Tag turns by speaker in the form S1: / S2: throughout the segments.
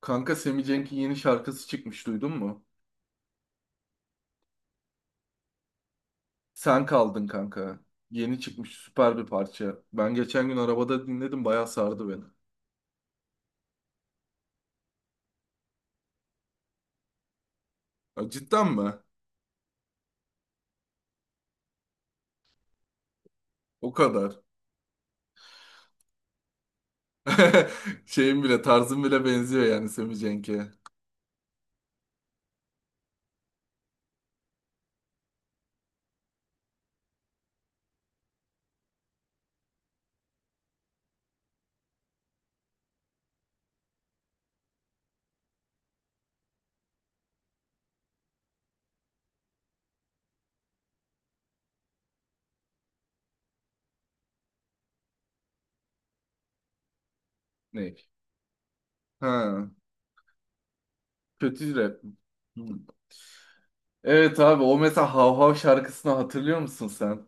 S1: Kanka, Sammy Cenk'in yeni şarkısı çıkmış, duydun mu? Sen kaldın kanka. Yeni çıkmış süper bir parça. Ben geçen gün arabada dinledim, bayağı sardı beni. Ya cidden mi? O kadar. Şeyim bile, tarzım bile benziyor yani Sammy Cenk'e. Ne? Ha, kötü rap. Hmm. Evet abi, o mesela Hav Hav şarkısını hatırlıyor musun sen?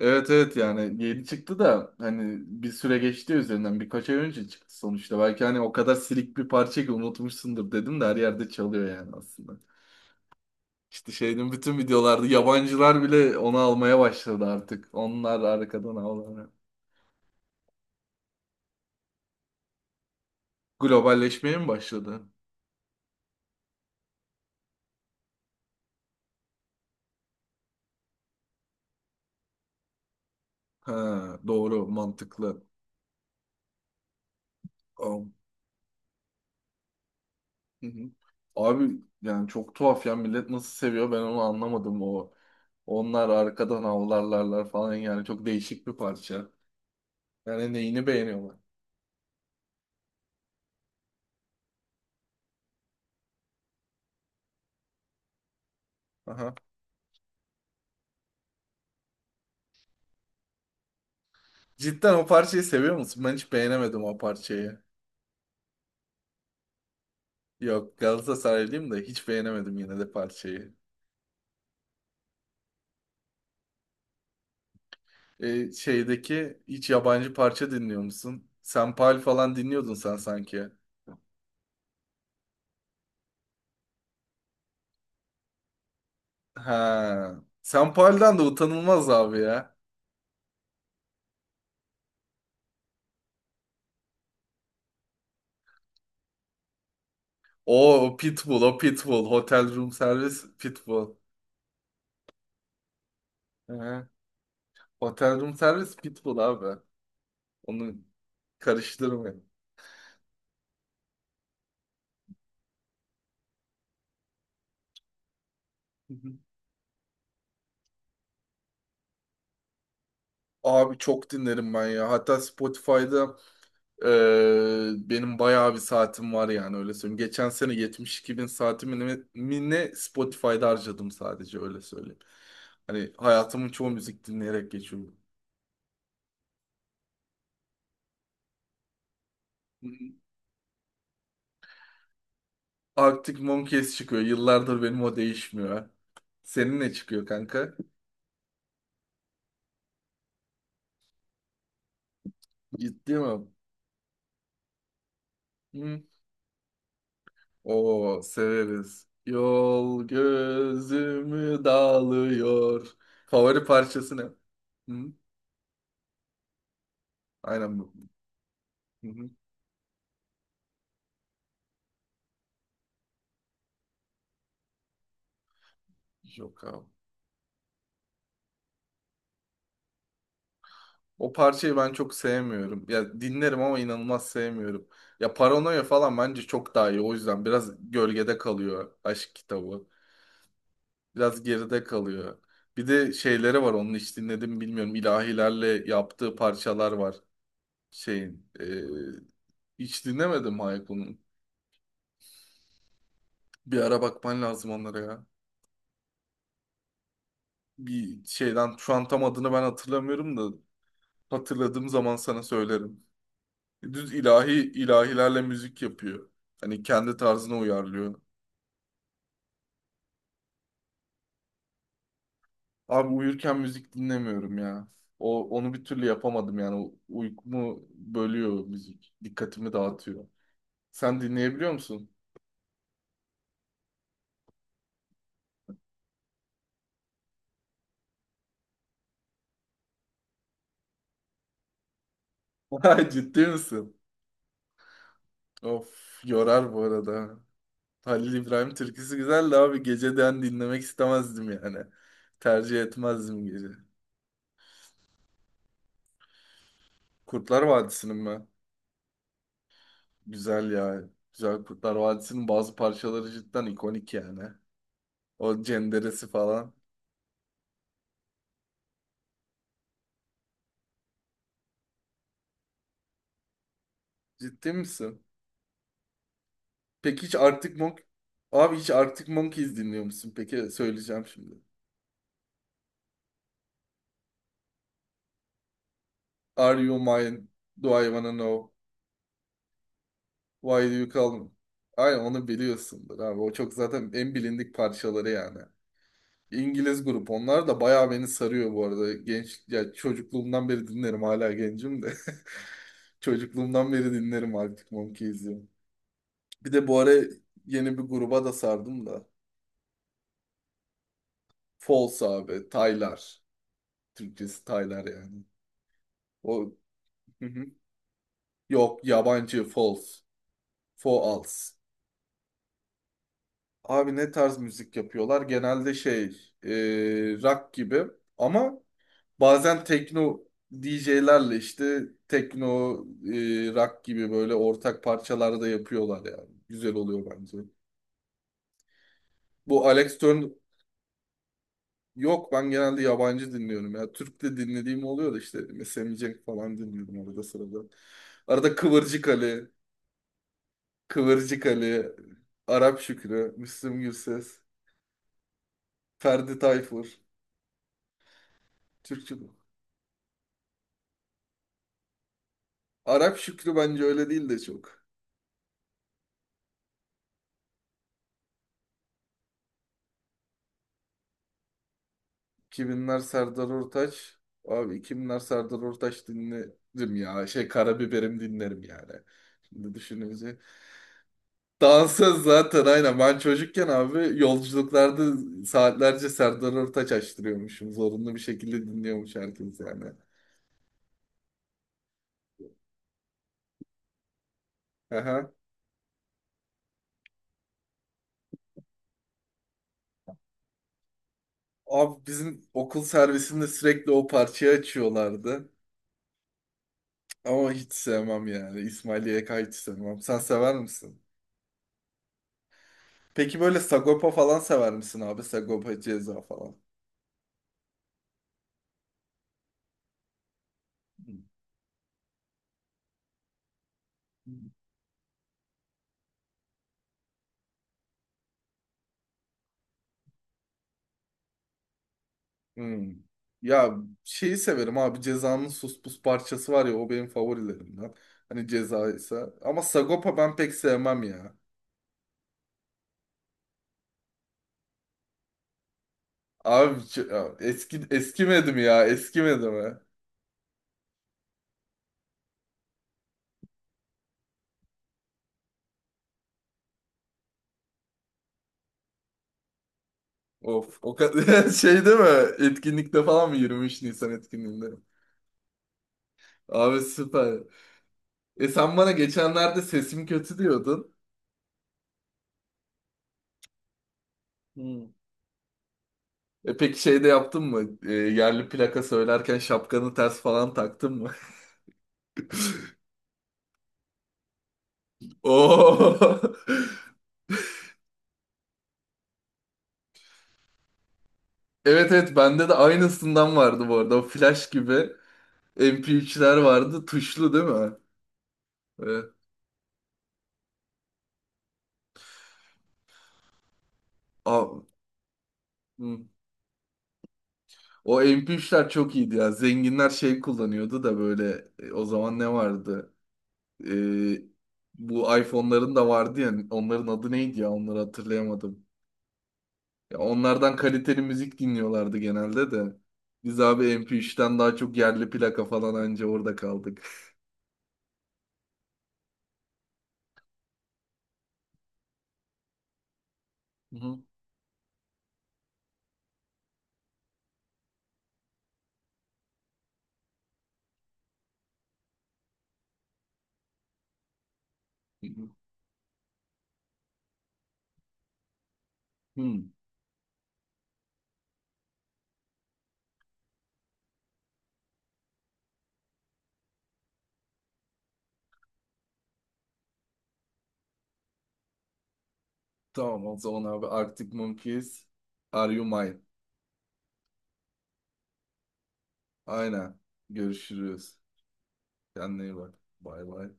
S1: Evet, evet, yani yeni çıktı da hani bir süre geçti üzerinden, birkaç ay önce çıktı sonuçta. Belki hani o kadar silik bir parça ki unutmuşsundur dedim de her yerde çalıyor yani aslında. İşte şeyin bütün videolarda yabancılar bile onu almaya başladı artık. Onlar arkadan avlanıyor. Globalleşmeye mi başladı? Ha, doğru, mantıklı. Am- Hı hı. Abi yani çok tuhaf ya, millet nasıl seviyor, ben onu anlamadım o. Onlar arkadan avlarlarlar falan, yani çok değişik bir parça. Yani neyini beğeniyorlar? Aha. Cidden o parçayı seviyor musun? Ben hiç beğenemedim o parçayı. Yok, Galatasaraylıyım da hiç beğenemedim yine de parçayı. Şeydeki hiç yabancı parça dinliyor musun? Senpal falan dinliyordun sen sanki. Ha. Senpal'den de utanılmaz abi ya. O Pitbull, o Pitbull. Hotel Room Service Pitbull. Hı. Hotel Room Service Pitbull abi. Onu karıştırmayın. Hı hı. Abi çok dinlerim ben ya. Hatta Spotify'da benim bayağı bir saatim var yani, öyle söyleyeyim. Geçen sene 72 bin saatimi ne, mi ne Spotify'da harcadım, sadece öyle söyleyeyim. Hani hayatımın çoğu müzik dinleyerek geçiyor. Arctic Monkeys çıkıyor. Yıllardır benim o değişmiyor. Senin ne çıkıyor kanka? Ciddi mi? Hı. Oo, severiz. Yol gözümü dağılıyor. Favori parçası ne? Hı? Aynen bu. Hı hı. Yok abi. O parçayı ben çok sevmiyorum. Ya dinlerim ama inanılmaz sevmiyorum. Ya Paranoya falan bence çok daha iyi. O yüzden biraz gölgede kalıyor aşk kitabı. Biraz geride kalıyor. Bir de şeyleri var, onu hiç dinledim bilmiyorum. İlahilerle yaptığı parçalar var. Şeyin. Hiç dinlemedim Hayko'nun. Bir ara bakman lazım onlara ya. Bir şeyden şu an tam adını ben hatırlamıyorum da hatırladığım zaman sana söylerim. Düz ilahi ilahilerle müzik yapıyor. Hani kendi tarzına uyarlıyor. Abi uyurken müzik dinlemiyorum ya. O onu bir türlü yapamadım yani. Uykumu bölüyor müzik. Dikkatimi dağıtıyor. Sen dinleyebiliyor musun? Vay, ciddi misin? Of, yorar bu arada. Halil İbrahim türküsü güzel de abi, geceden dinlemek istemezdim yani. Tercih etmezdim gece. Kurtlar Vadisi'nin mi? Güzel ya. Güzel, Kurtlar Vadisi'nin bazı parçaları cidden ikonik yani. O cenderesi falan. Ciddi misin? Peki hiç Abi hiç Arctic Monkeys dinliyor musun? Peki söyleyeceğim şimdi. Are you mine? Do I wanna know? Why do you call me? Aynen onu biliyorsundur abi. O çok zaten en bilindik parçaları yani. İngiliz grup onlar da bayağı beni sarıyor bu arada. Genç, ya çocukluğumdan beri dinlerim, hala gencim de. Çocukluğumdan beri dinlerim Arctic Monkeys'i. Bir de bu ara yeni bir gruba da sardım da. False abi. Taylar. Türkçesi Taylar yani. O Yok, yabancı false. False. Abi ne tarz müzik yapıyorlar? Genelde şey e, rock gibi ama bazen tekno, DJ'lerle işte tekno rock gibi böyle ortak parçalarda yapıyorlar yani. Güzel oluyor bence. Bu Alex Turner. Yok, ben genelde yabancı dinliyorum ya. Türk de dinlediğim oluyor da işte mesela Cenk falan dinliyorum arada sırada. Arada Kıvırcık Ali, Kıvırcık Ali, Arap Şükrü, Müslüm Gürses. Ferdi Tayfur. Türkçe bu. Arap Şükrü bence öyle değil de çok. 2000'ler Serdar Ortaç. Abi 2000'ler Serdar Ortaç dinlerim ya. Şey Karabiberim dinlerim yani. Şimdi düşününce. Dansöz zaten aynen. Ben çocukken abi yolculuklarda saatlerce Serdar Ortaç açtırıyormuşum. Zorunlu bir şekilde dinliyormuş herkes yani. Aha. Abi bizim okul servisinde sürekli o parçayı açıyorlardı. Ama hiç sevmem yani. İsmail YK hiç sevmem. Sen sever misin? Peki böyle Sagopa falan sever misin abi? Sagopa Ceza falan. Hmm. Ya şeyi severim abi, Ceza'nın Sus Pus parçası var ya, o benim favorilerimden. Hani Ceza ise. Ama Sagopa ben pek sevmem ya. Abi ya eskimedi mi ya? Eskimedi mi? Of o kadar şey değil mi? Etkinlikte falan mı, 23 Nisan etkinliğinde? Abi süper. Sen bana geçenlerde sesim kötü diyordun. Hı. Peki şey de yaptın mı? Yerli plaka söylerken şapkanı ters falan taktın mı? Oo. Evet, evet, bende de aynısından vardı bu arada. O flash gibi MP3'ler vardı. Tuşlu değil mi? Evet. Aa, hı. O MP3'ler çok iyiydi ya. Zenginler şey kullanıyordu da böyle o zaman ne vardı? E, Bu iPhone'ların da vardı ya. Onların adı neydi ya? Onları hatırlayamadım. Ya onlardan kaliteli müzik dinliyorlardı genelde de. Biz abi MP3'ten daha çok yerli plaka falan anca orada kaldık. Hı hı, hı hı. Hmm, tamam o zaman abi, Arctic Monkeys, Are You Mine? Aynen. Görüşürüz. Kendine iyi bak. Bay bay.